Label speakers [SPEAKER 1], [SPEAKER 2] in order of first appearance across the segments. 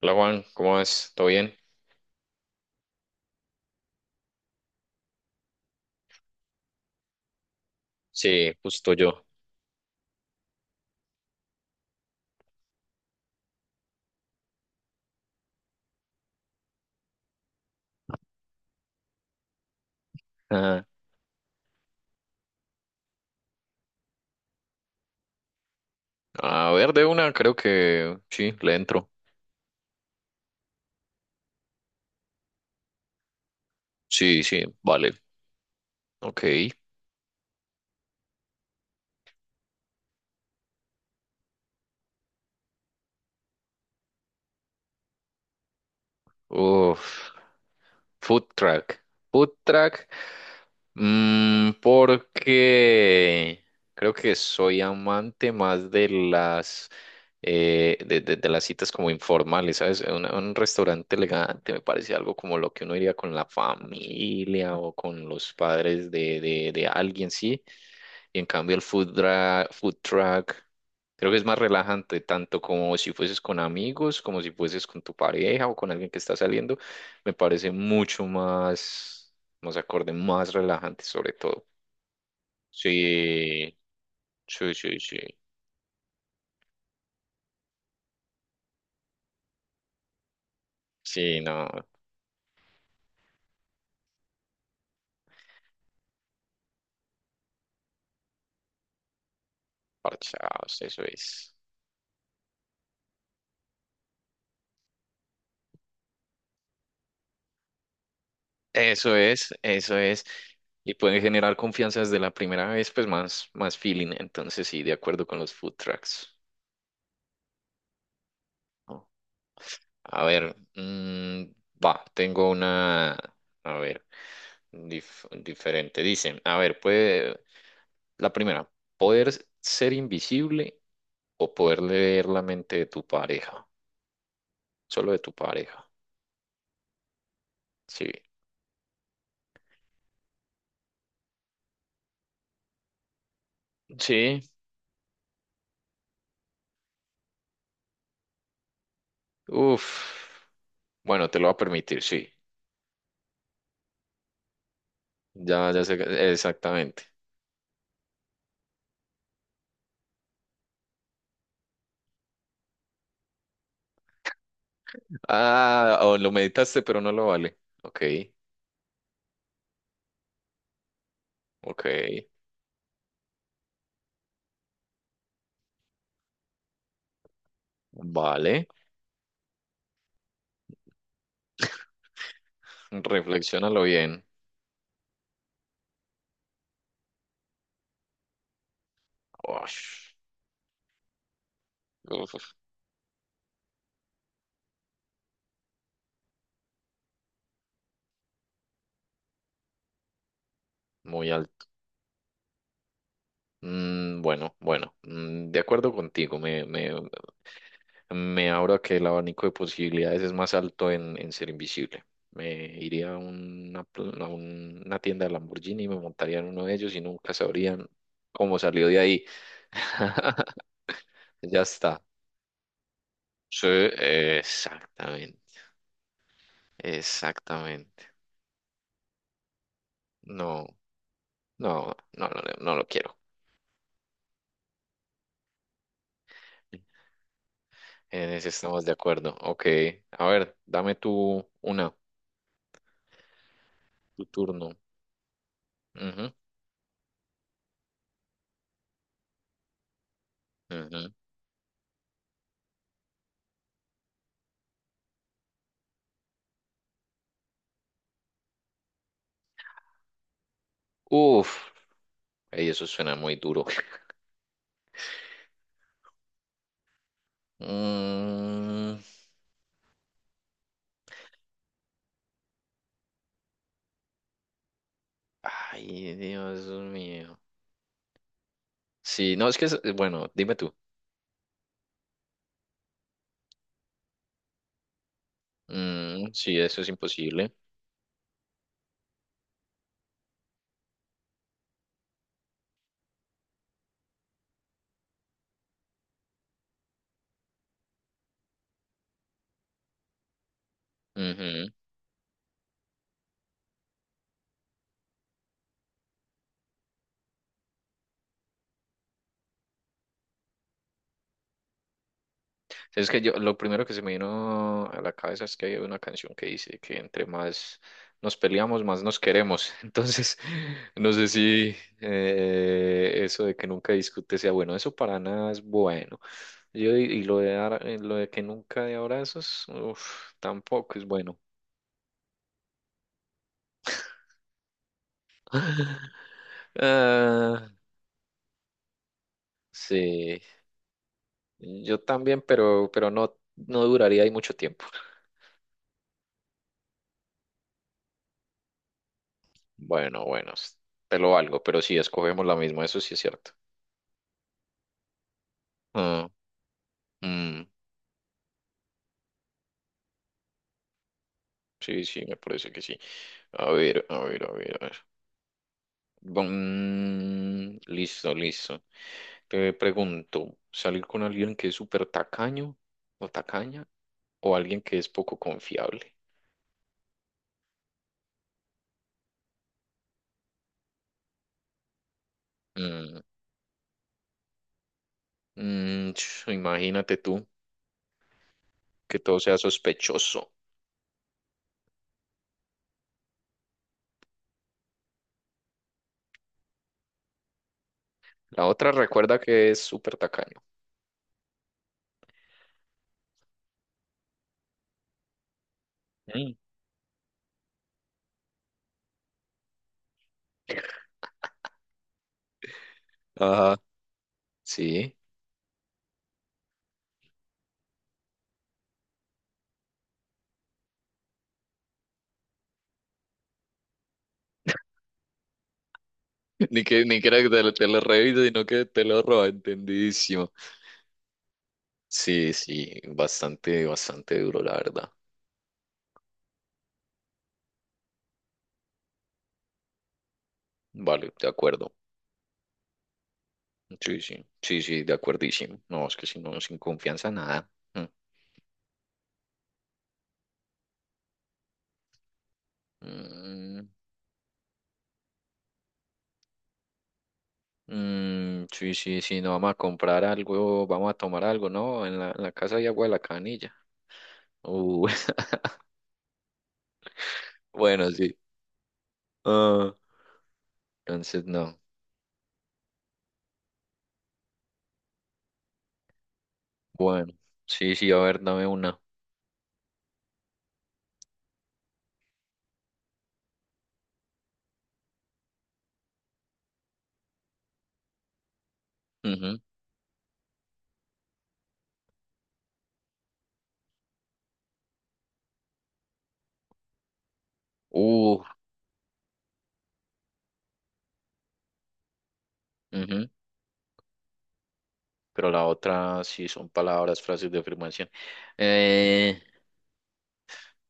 [SPEAKER 1] Hola Juan, ¿cómo vas? ¿Todo bien? Sí, justo yo. Ajá. A ver, de una, creo que sí, le entro. Sí, sí, vale. Ok. Uf, food track. Food track. Porque creo que soy amante más de las de las citas como informales, ¿sabes? Un restaurante elegante me parece algo como lo que uno iría con la familia o con los padres de alguien, ¿sí? Y en cambio el food truck creo que es más relajante, tanto como si fueses con amigos, como si fueses con tu pareja o con alguien que está saliendo. Me parece mucho más, más acorde, más relajante sobre todo. Sí, sí, sí, sí. Sí, no, parchados, eso es. Eso es, eso es. Y pueden generar confianza desde la primera vez, pues más, más feeling. Entonces sí, de acuerdo con los food trucks. A ver, va, tengo una, a ver, diferente. Dice, a ver, puede, la primera, poder ser invisible o poder leer la mente de tu pareja, solo de tu pareja. Sí, sí, uff, bueno, te lo va a permitir. Sí, ya, ya sé, exactamente. Ah, o lo meditaste, pero no lo vale. Ok, ok, vale, reflexiónalo bien. Ush. Uf, muy alto. Bueno, bueno, de acuerdo contigo, me abro a que el abanico de posibilidades es más alto en ser invisible. Me iría a una, una tienda de Lamborghini y me montaría en uno de ellos y nunca sabrían cómo salió de ahí. Ya está. Sí, exactamente, exactamente. No, no, no, no, no, no lo quiero. En ese estamos de acuerdo. Ok, a ver, dame tú una. Tu turno. Ujú, ujú. Uf, ey, eso suena muy duro. Mm, ay, Dios mío. Sí, no, es que, bueno, dime tú. Mm, sí, eso es imposible. Sí, es que yo, lo primero que se me vino a la cabeza es que hay una canción que dice que entre más nos peleamos, más nos queremos. No sé si eso de que nunca discute sea bueno. Eso para nada es bueno. Y lo de lo de que nunca de abrazos, uf, tampoco es bueno. Ah, sí, yo también, pero no, no duraría ahí mucho tiempo. Bueno, bueno, te lo valgo, pero sí, escogemos la misma, eso sí es cierto. Ah. Mm, sí, sí, me parece que sí. A ver, a ver, a ver, a ver. Listo, listo. Te pregunto, ¿salir con alguien que es súper tacaño o tacaña o alguien que es poco confiable? Mm, Imagínate tú que todo sea sospechoso. La otra recuerda que es súper tacaño. Mm. Ajá, sí. Ni que, ni que era que te lo revise, sino que te lo roba, entendidísimo. Sí, sí, bastante, bastante duro, la verdad. Vale, de acuerdo. Sí, sí, sí, sí, de acuerdísimo. No, es que si no, sin confianza, nada. Mm, sí, sí, sí, no vamos a comprar algo, vamos a tomar algo, ¿no? En la casa hay agua de la canilla. Uh, bueno, sí. Ah, entonces, no. Bueno, sí, sí, a ver, dame una. Ujú. Uh, ujú. Pero la otra sí son palabras, frases de afirmación. Eh,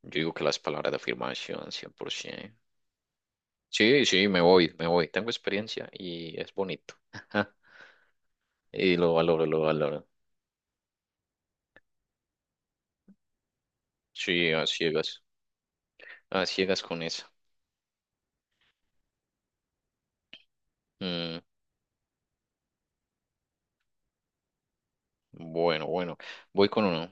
[SPEAKER 1] Yo digo que las palabras de afirmación, 100%. Sí, sí, me voy, me voy. Tengo experiencia y es bonito. Y lo valoro, lo valoro. Sí, a ciegas con eso. Mm, bueno, bueno, voy con uno.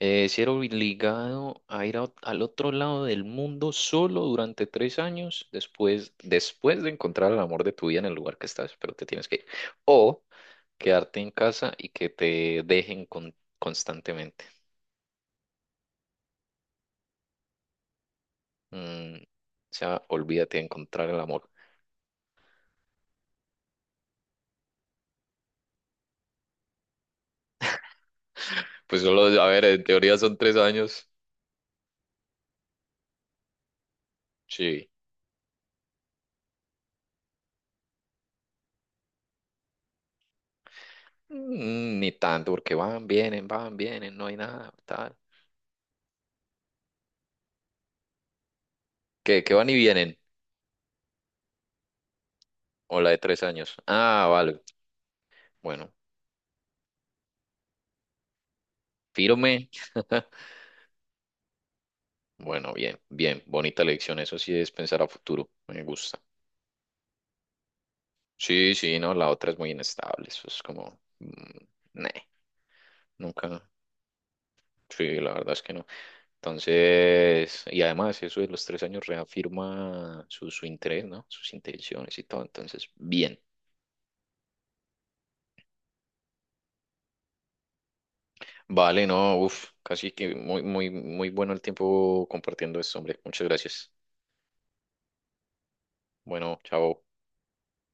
[SPEAKER 1] Ser obligado a ir al otro lado del mundo solo durante 3 años después, después de encontrar el amor de tu vida en el lugar que estás, pero te tienes que ir. O quedarte en casa y que te dejen constantemente. Mm, Se llama Olvídate de encontrar el amor. Pues solo, a ver, en teoría son 3 años. Sí. Mm, ni tanto, porque van, vienen, no hay nada, tal. ¿Qué, qué van y vienen? O la de 3 años. Ah, vale. Bueno, firme. Bueno, bien, bien. Bonita lección. Eso sí es pensar a futuro. Me gusta. Sí, sí, no, la otra es muy inestable. Eso es como. Neh, Nunca. Sí, la verdad es que no. Entonces, y además eso de los 3 años reafirma su interés, ¿no? Sus intenciones y todo. Entonces, bien. Vale, no, uff, casi que muy, muy, muy bueno el tiempo compartiendo esto, hombre. Muchas gracias. Bueno, chao.